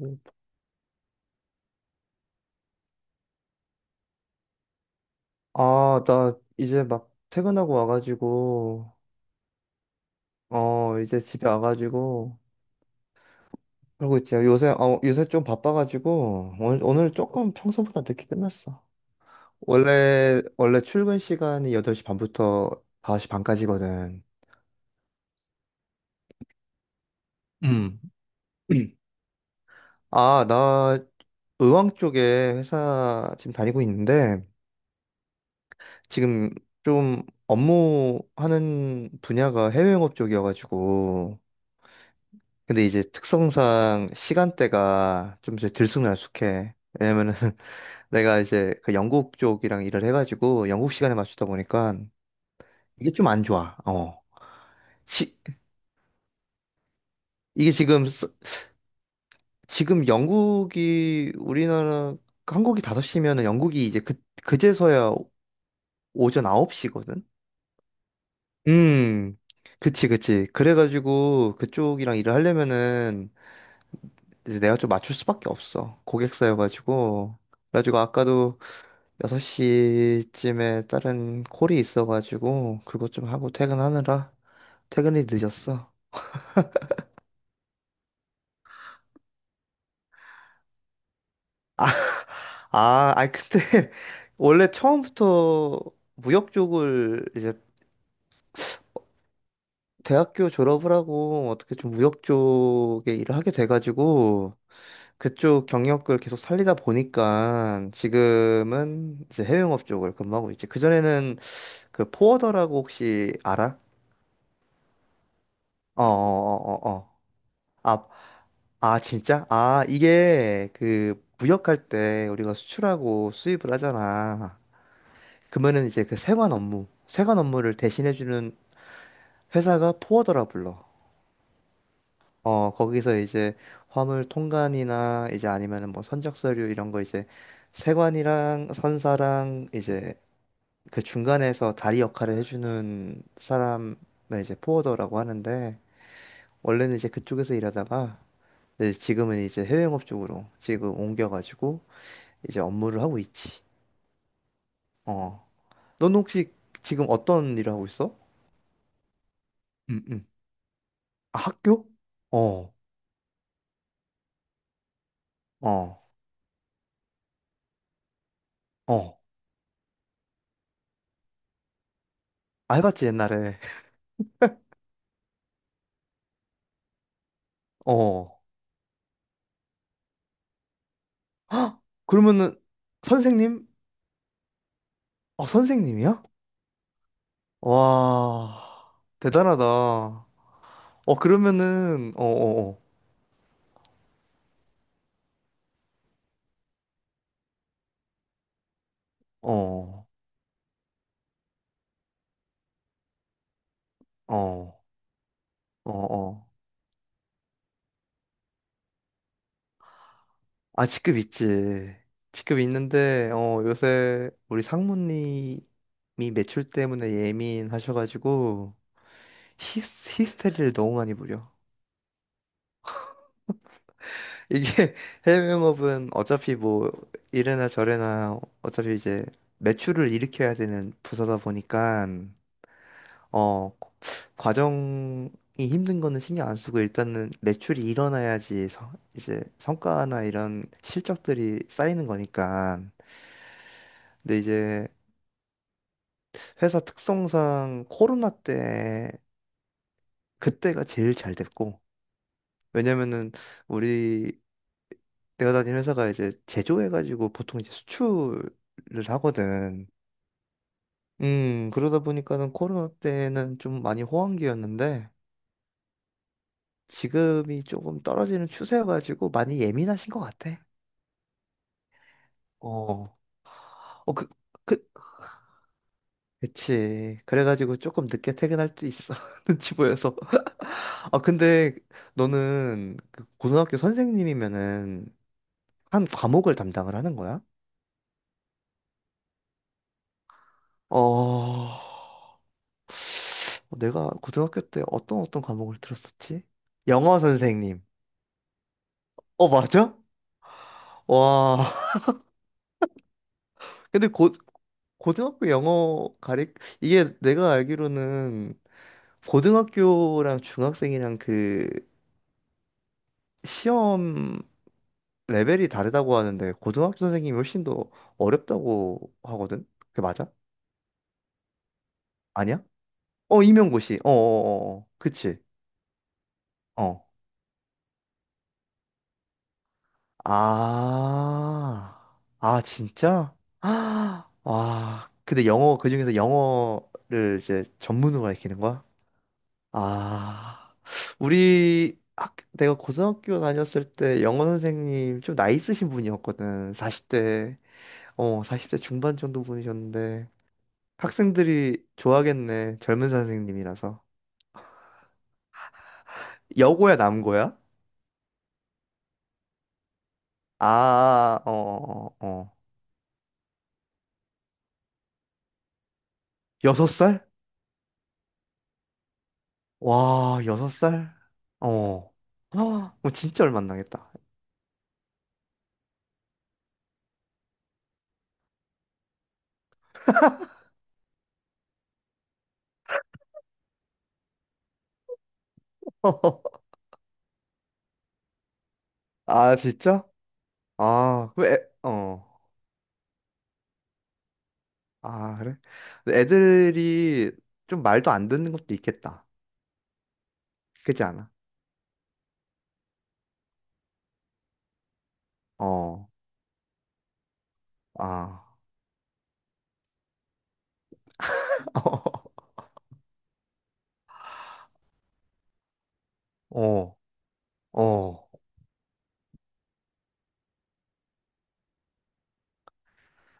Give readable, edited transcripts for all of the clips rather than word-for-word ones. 음. 아, 나 이제 막 퇴근하고 와가지고, 어, 이제 집에 와가지고, 그러고 있지. 요새 좀 바빠가지고, 오늘 조금 평소보다 늦게 끝났어. 원래 출근 시간이 8시 반부터 5시 반까지거든. 음, 아, 나 의왕 쪽에 회사 지금 다니고 있는데, 지금 좀 업무하는 분야가 해외 영업 쪽이어가지고, 근데 이제 특성상 시간대가 좀 이제 들쑥날쑥해. 왜냐면은 내가 이제 그 영국 쪽이랑 일을 해가지고 영국 시간에 맞추다 보니까 이게 좀 안 좋아. 어. 시, 이게 지금, 지금 영국이 우리나라, 한국이 5시면은 영국이 이제 그, 그제서야 오전 9시거든? 음. 그치, 그치. 그래가지고 그쪽이랑 일을 하려면은 이제 내가 좀 맞출 수밖에 없어. 고객사여가지고. 그래가지고 아까도 6시쯤에 다른 콜이 있어가지고 그것 좀 하고 퇴근하느라 퇴근이 늦었어. 아, 아니 근데 원래 처음부터 무역 쪽을 이제 대학교 졸업을 하고 어떻게 좀 무역 쪽에 일을 하게 돼가지고 그쪽 경력을 계속 살리다 보니까 지금은 이제 해외영업 쪽을 근무하고 있지. 그전에는 그 포워더라고 혹시 알아? 어어어어 어. 어, 어, 어, 어. 아 아, 진짜? 아, 이게 그 무역할 때 우리가 수출하고 수입을 하잖아. 그러면은 이제 그 세관 업무를 대신해주는 회사가 포워더라 불러. 어, 거기서 이제 화물 통관이나 이제 아니면은 뭐 선적 서류 이런 거 이제 세관이랑 선사랑 이제 그 중간에서 다리 역할을 해주는 사람을 이제 포워더라고 하는데 원래는 이제 그쪽에서 일하다가 이제 지금은 이제 해외 영업 쪽으로 지금 옮겨가지고 이제 업무를 하고 있지. 어. 넌 혹시 지금 어떤 일을 하고 있어? 응, 응. 아, 학교? 어, 어, 어. 아, 해봤지, 옛날에. 어. 헉! 그러면은, 선생님? 어, 선생님이야? 와, 대단하다. 어, 그러면은, 어, 어, 어, 어, 어, 어, 어. 아, 직급 있지. 직급 있는데, 어, 요새 우리 상무님이 매출 때문에 예민하셔가지고, 히스테리를 너무 많이 부려. 이게 해외영업은 어차피 뭐 이래나 저래나 어차피 이제 매출을 일으켜야 되는 부서다 보니까 어 과정이 힘든 거는 신경 안 쓰고 일단은 매출이 일어나야지 이제 성과나 이런 실적들이 쌓이는 거니까. 근데 이제 회사 특성상 코로나 때 그때가 제일 잘 됐고 왜냐면은 우리 내가 다니는 회사가 이제 제조해가지고 보통 이제 수출을 하거든. 그러다 보니까는 코로나 때는 좀 많이 호황기였는데 지금이 조금 떨어지는 추세여가지고 많이 예민하신 것 같아. 어, 어, 그, 그치. 그래가지고 조금 늦게 퇴근할 수도 있어. 눈치 보여서. 아, 근데 너는 그 고등학교 선생님이면은 한 과목을 담당을 하는 거야? 어, 어, 내가 고등학교 때 어떤 과목을 들었었지? 영어 선생님. 어, 맞아? 와. 근데 고, 고등학교 영어 가리, 이게 내가 알기로는 고등학교랑 중학생이랑 그 시험 레벨이 다르다고 하는데 고등학교 선생님이 훨씬 더 어렵다고 하거든? 그게 맞아? 아니야? 어, 임용고시. 어어어어. 그치? 어. 아, 진짜? 아, 와, 근데 영어, 그중에서 영어를 이제 전문으로 가르치는 거야? 아, 내가 고등학교 다녔을 때 영어 선생님 좀 나이 있으신 분이었거든. 40대, 어, 40대 중반 정도 분이셨는데. 학생들이 좋아하겠네. 젊은 선생님이라서. 여고야, 남고야? 아, 아, 아. 어, 어, 어. 어. 여섯 살? 와, 여섯 살? 어. 아, 뭐 진짜 얼마 안 나겠다. 아, 진짜? 아, 왜, 어. 아, 그래? 근데 애들이 좀 말도 안 듣는 것도 있겠다. 그렇지 않아? 어. 아. 어. 어.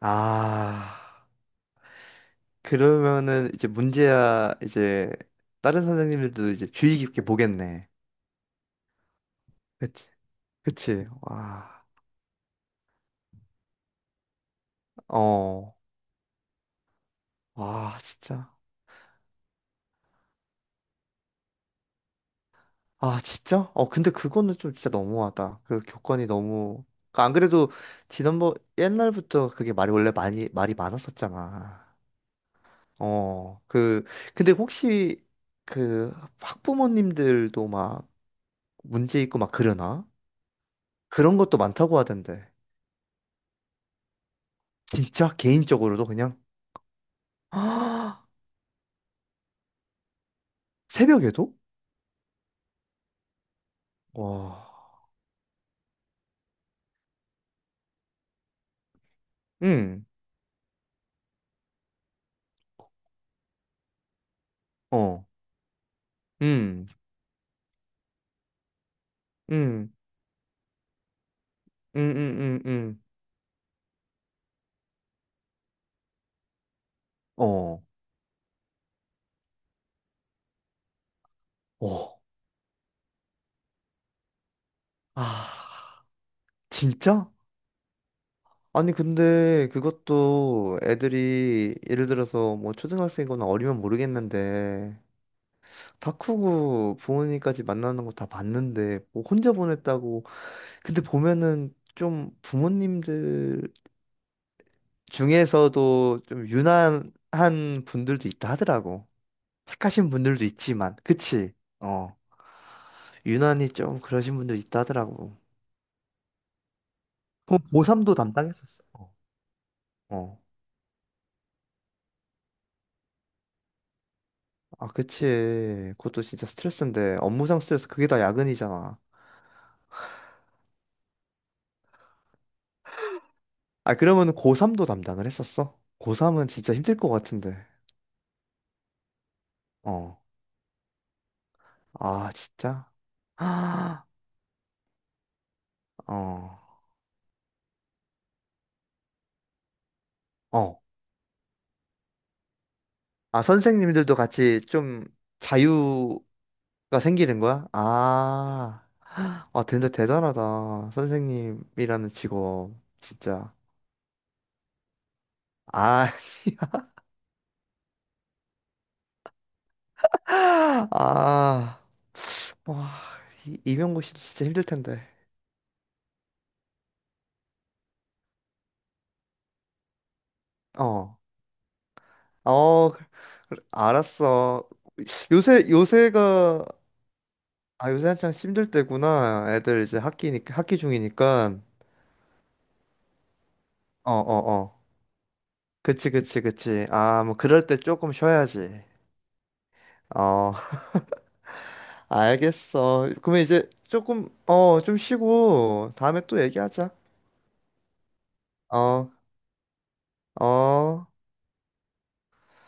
아. 그러면은 이제 문제야 이제 다른 선생님들도 이제 주의 깊게 보겠네. 그치? 그치? 와. 어. 와, 진짜. 아, 진짜? 어, 근데 그거는 좀 진짜 너무하다. 그 교권이 너무. 그안 그래도 지난번 옛날부터 그게 말이 원래 많이 말이 많았었잖아. 어, 그 근데 혹시 그 학부모님들도 막 문제 있고 막 그러나? 그런 것도 많다고 하던데. 진짜 개인적으로도 그냥 아, 새벽에도? 와. 음. 어. 음. 음. 음. 음. 음. 음. 어. 어. 아, 진짜? 아니, 근데 그것도 애들이 예를 들어서 뭐 초등학생이거나 어리면 모르겠는데 다 크고 부모님까지 만나는 거 다 봤는데 뭐 혼자 보냈다고. 근데 보면은 좀 부모님들 중에서도 좀 유난한 분들도 있다 하더라고. 착하신 분들도 있지만, 그치? 어, 유난히 좀 그러신 분들 있다 하더라고. 그럼 고도 담당했었어. 어. 어. 아, 그치. 그것도 진짜 스트레스인데, 업무상 스트레스 그게 다 야근이잖아. 아, 그러면 고3도 담당을 했었어? 고3은 진짜 힘들 것 같은데. 어. 아, 진짜? 아, 어. 어. 아, 선생님들도 같이 좀 자유가 생기는 거야? 아. 아, 근데 대단하다. 선생님이라는 직업. 진짜. 아, 아. 와, 이명고 씨도 진짜 힘들 텐데. 어. 어, 그래, 알았어. 요새가 아 요새 한창 힘들 때구나. 애들 이제 학기니까 학기 중이니까. 어, 어, 어. 그치, 그치, 그치. 아, 뭐 그럴 때 조금 쉬어야지. 어, 알겠어. 그러면 이제 조금 어, 좀 쉬고 다음에 또 얘기하자. 어, 어.